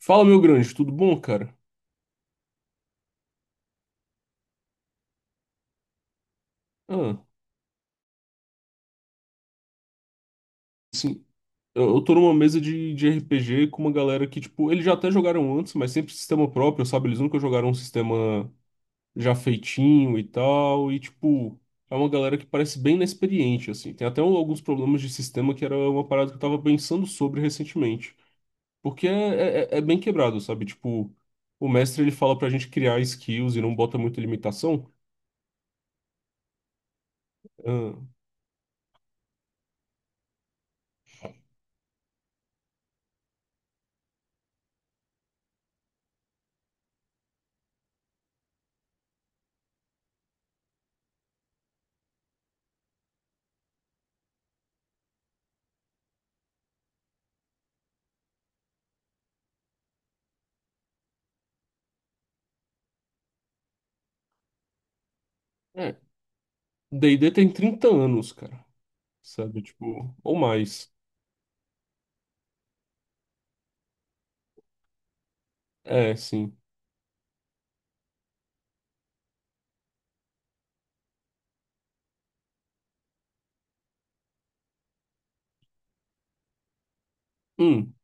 Fala, meu grande, tudo bom, cara? Ah, sim. Eu tô numa mesa de RPG com uma galera que, tipo, eles já até jogaram antes, mas sempre sistema próprio, sabe? Eles nunca jogaram um sistema já feitinho e tal. E, tipo, é uma galera que parece bem inexperiente, assim. Tem até alguns problemas de sistema que era uma parada que eu tava pensando sobre recentemente. Porque é, é é bem quebrado, sabe? Tipo, o mestre ele fala pra gente criar skills e não bota muita limitação. Ah, é. D&D tem 30 anos, cara. Sabe? Tipo, ou mais. É, sim. Hum,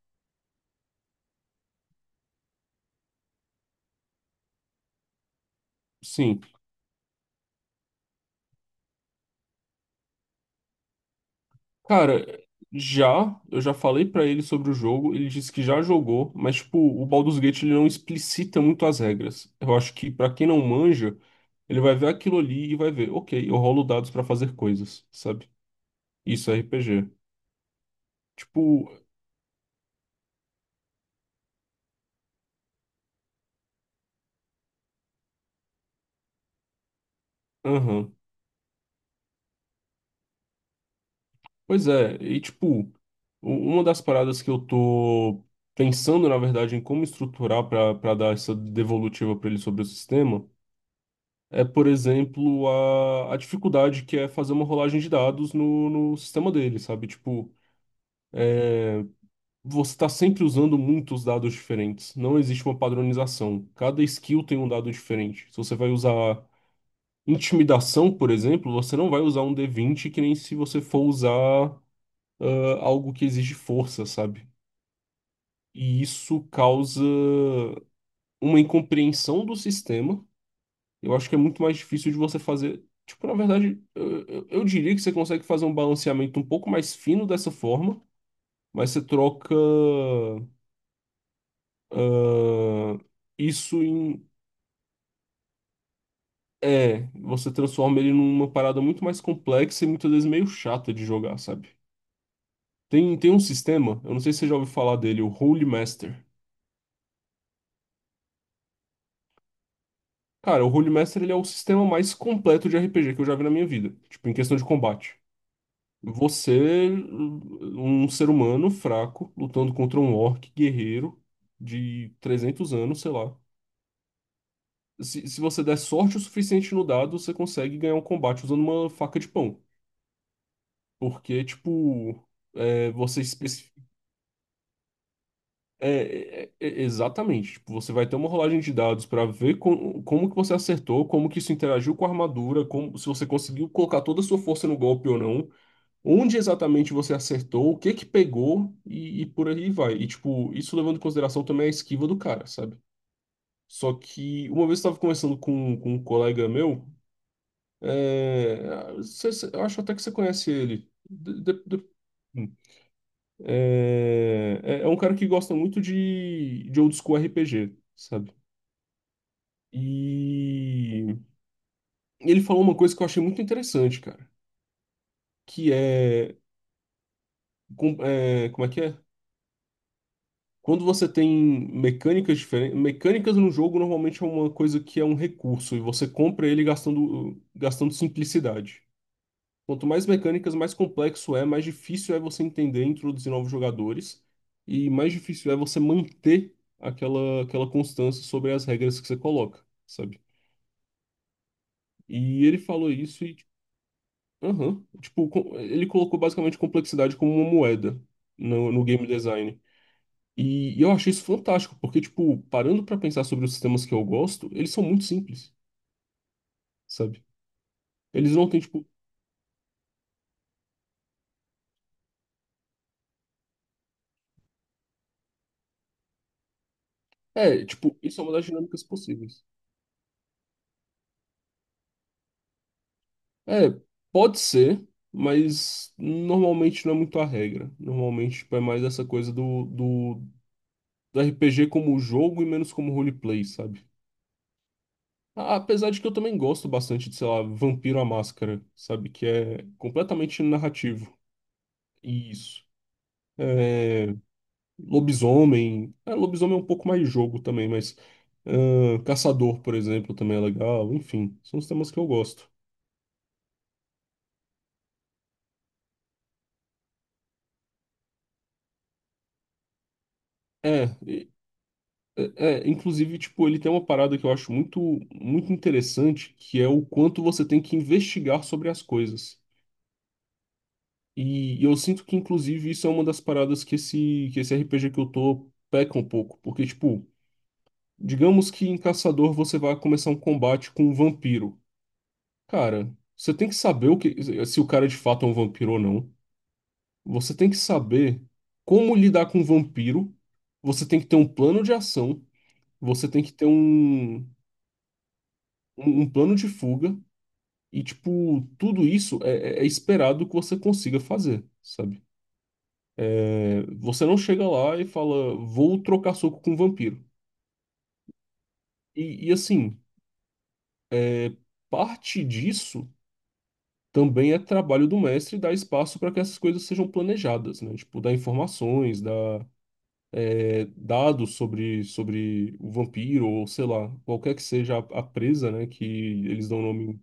sim. Cara, já, eu já falei pra ele sobre o jogo, ele disse que já jogou, mas, tipo, o Baldur's Gate ele não explicita muito as regras. Eu acho que pra quem não manja, ele vai ver aquilo ali e vai ver, ok, eu rolo dados pra fazer coisas, sabe? Isso é RPG. Tipo, aham. Pois é, e tipo, uma das paradas que eu tô pensando, na verdade, em como estruturar pra para dar essa devolutiva pra ele sobre o sistema. É, por exemplo, a dificuldade que é fazer uma rolagem de dados no, no sistema dele, sabe? Tipo, você está sempre usando muitos dados diferentes. Não existe uma padronização. Cada skill tem um dado diferente. Se você vai usar intimidação, por exemplo, você não vai usar um d20 que nem se você for usar algo que exige força, sabe? E isso causa uma incompreensão do sistema. Eu acho que é muito mais difícil de você fazer. Tipo, na verdade, eu diria que você consegue fazer um balanceamento um pouco mais fino dessa forma, mas você troca ah, isso em. É, você transforma ele numa parada muito mais complexa e muitas vezes meio chata de jogar, sabe? Tem um sistema, eu não sei se você já ouviu falar dele, o Holy Master. Cara, o Holy Master ele é o sistema mais completo de RPG que eu já vi na minha vida, tipo, em questão de combate. Você, um ser humano fraco, lutando contra um orc guerreiro de 300 anos, sei lá. Se você der sorte o suficiente no dado, você consegue ganhar um combate usando uma faca de pão. Porque, tipo, é, você especifica. É, exatamente. Tipo, você vai ter uma rolagem de dados para ver como que você acertou, como que isso interagiu com a armadura, como, se você conseguiu colocar toda a sua força no golpe ou não. Onde exatamente você acertou, o que que pegou e por aí vai. E, tipo, isso levando em consideração também a esquiva do cara, sabe? Só que uma vez eu estava conversando com um colega meu, é, eu acho até que você conhece ele. É é um cara que gosta muito de old school RPG, sabe? E ele falou uma coisa que eu achei muito interessante, cara, que é, é como é que é? Quando você tem mecânicas diferentes, mecânicas no jogo normalmente é uma coisa que é um recurso e você compra ele gastando, gastando simplicidade. Quanto mais mecânicas, mais complexo é, mais difícil é você entender e introduzir novos jogadores e mais difícil é você manter aquela, aquela constância sobre as regras que você coloca, sabe? E ele falou isso e, tipo, aham, tipo, ele colocou basicamente complexidade como uma moeda no game design. E eu achei isso fantástico, porque, tipo, parando pra pensar sobre os sistemas que eu gosto, eles são muito simples, sabe? Eles não têm, tipo. É, tipo, isso é uma das dinâmicas possíveis. É, pode ser, mas normalmente não é muito a regra. Normalmente, tipo, é mais essa coisa do RPG como jogo e menos como roleplay, sabe? Apesar de que eu também gosto bastante de, sei lá, Vampiro à Máscara, sabe? Que é completamente narrativo. Isso. É, lobisomem. É, lobisomem é um pouco mais jogo também, mas. Caçador, por exemplo, também é legal. Enfim, são os temas que eu gosto. É, e- é, é, inclusive, tipo, ele tem uma parada que eu acho muito, muito interessante, que é o quanto você tem que investigar sobre as coisas. E eu sinto que, inclusive, isso é uma das paradas que esse RPG que eu tô peca um pouco. Porque, tipo, digamos que em Caçador você vai começar um combate com um vampiro. Cara, você tem que saber o que, se o cara de fato é um vampiro ou não. Você tem que saber como lidar com um vampiro, você tem que ter um plano de ação, você tem que ter um, um plano de fuga, e, tipo, tudo isso é esperado que você consiga fazer, sabe? É, você não chega lá e fala, vou trocar soco com um vampiro. E, assim, parte disso também é trabalho do mestre dar espaço para que essas coisas sejam planejadas, né? Tipo, dar informações, dados sobre, sobre o vampiro, ou sei lá, qualquer que seja a presa, né? Que eles dão nome.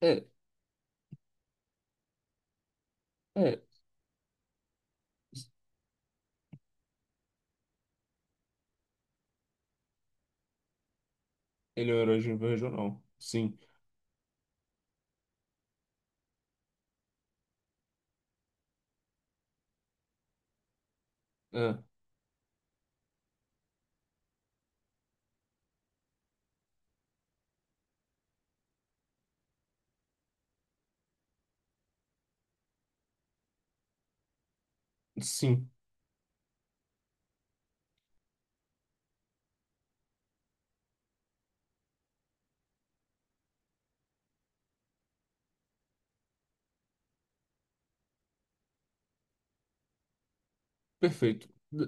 É, é. Ele é um herói regional. Sim. É, sim. Perfeito. D-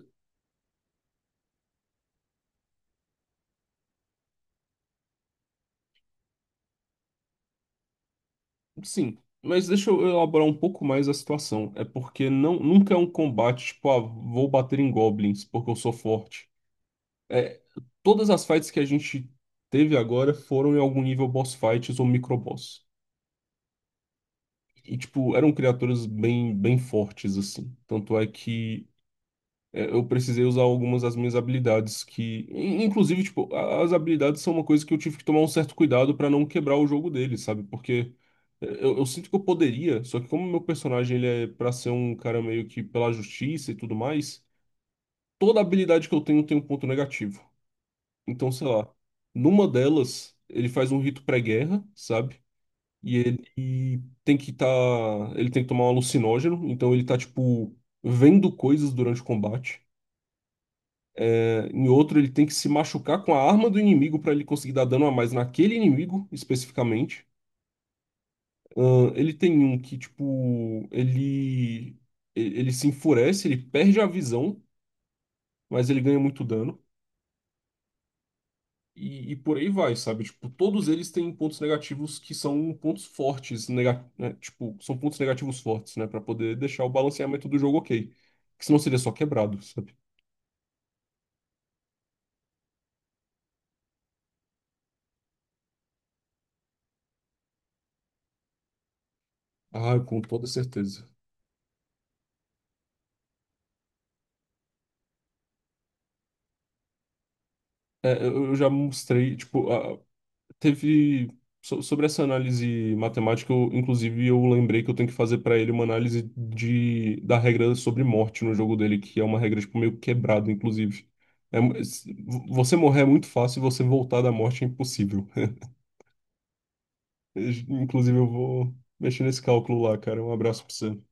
Sim. Mas deixa eu elaborar um pouco mais a situação. É porque não, nunca é um combate, tipo, ah, vou bater em goblins porque eu sou forte. É, todas as fights que a gente teve agora foram em algum nível boss fights ou microboss. E, tipo, eram criaturas bem, bem fortes, assim. Tanto é que é, eu precisei usar algumas das minhas habilidades que... Inclusive, tipo, as habilidades são uma coisa que eu tive que tomar um certo cuidado pra não quebrar o jogo dele, sabe? Porque é, eu sinto que eu poderia, só que como meu personagem, ele é pra ser um cara meio que pela justiça e tudo mais, toda habilidade que eu tenho tem um ponto negativo. Então, sei lá, numa delas, ele faz um rito pré-guerra, sabe? E ele tem que estar. Ele tem que tomar um alucinógeno, então ele tá, tipo, vendo coisas durante o combate. É, em outro, ele tem que se machucar com a arma do inimigo para ele conseguir dar dano a mais naquele inimigo, especificamente. Ele tem um que, tipo, ele. Ele se enfurece, ele perde a visão, mas ele ganha muito dano. E por aí vai, sabe? Tipo, todos eles têm pontos negativos que são pontos fortes, nega, né? Tipo, são pontos negativos fortes, né? Pra poder deixar o balanceamento do jogo ok. Que senão seria só quebrado, sabe? Ah, com toda certeza. É, eu já mostrei, tipo, ah, teve. Sobre essa análise matemática, eu, inclusive, eu lembrei que eu tenho que fazer pra ele uma análise de, da regra sobre morte no jogo dele, que é uma regra, tipo, meio quebrada, inclusive. É mu- s- você morrer é muito fácil e você voltar da morte é impossível. Inclusive, eu vou mexer nesse cálculo lá, cara. Um abraço pra você.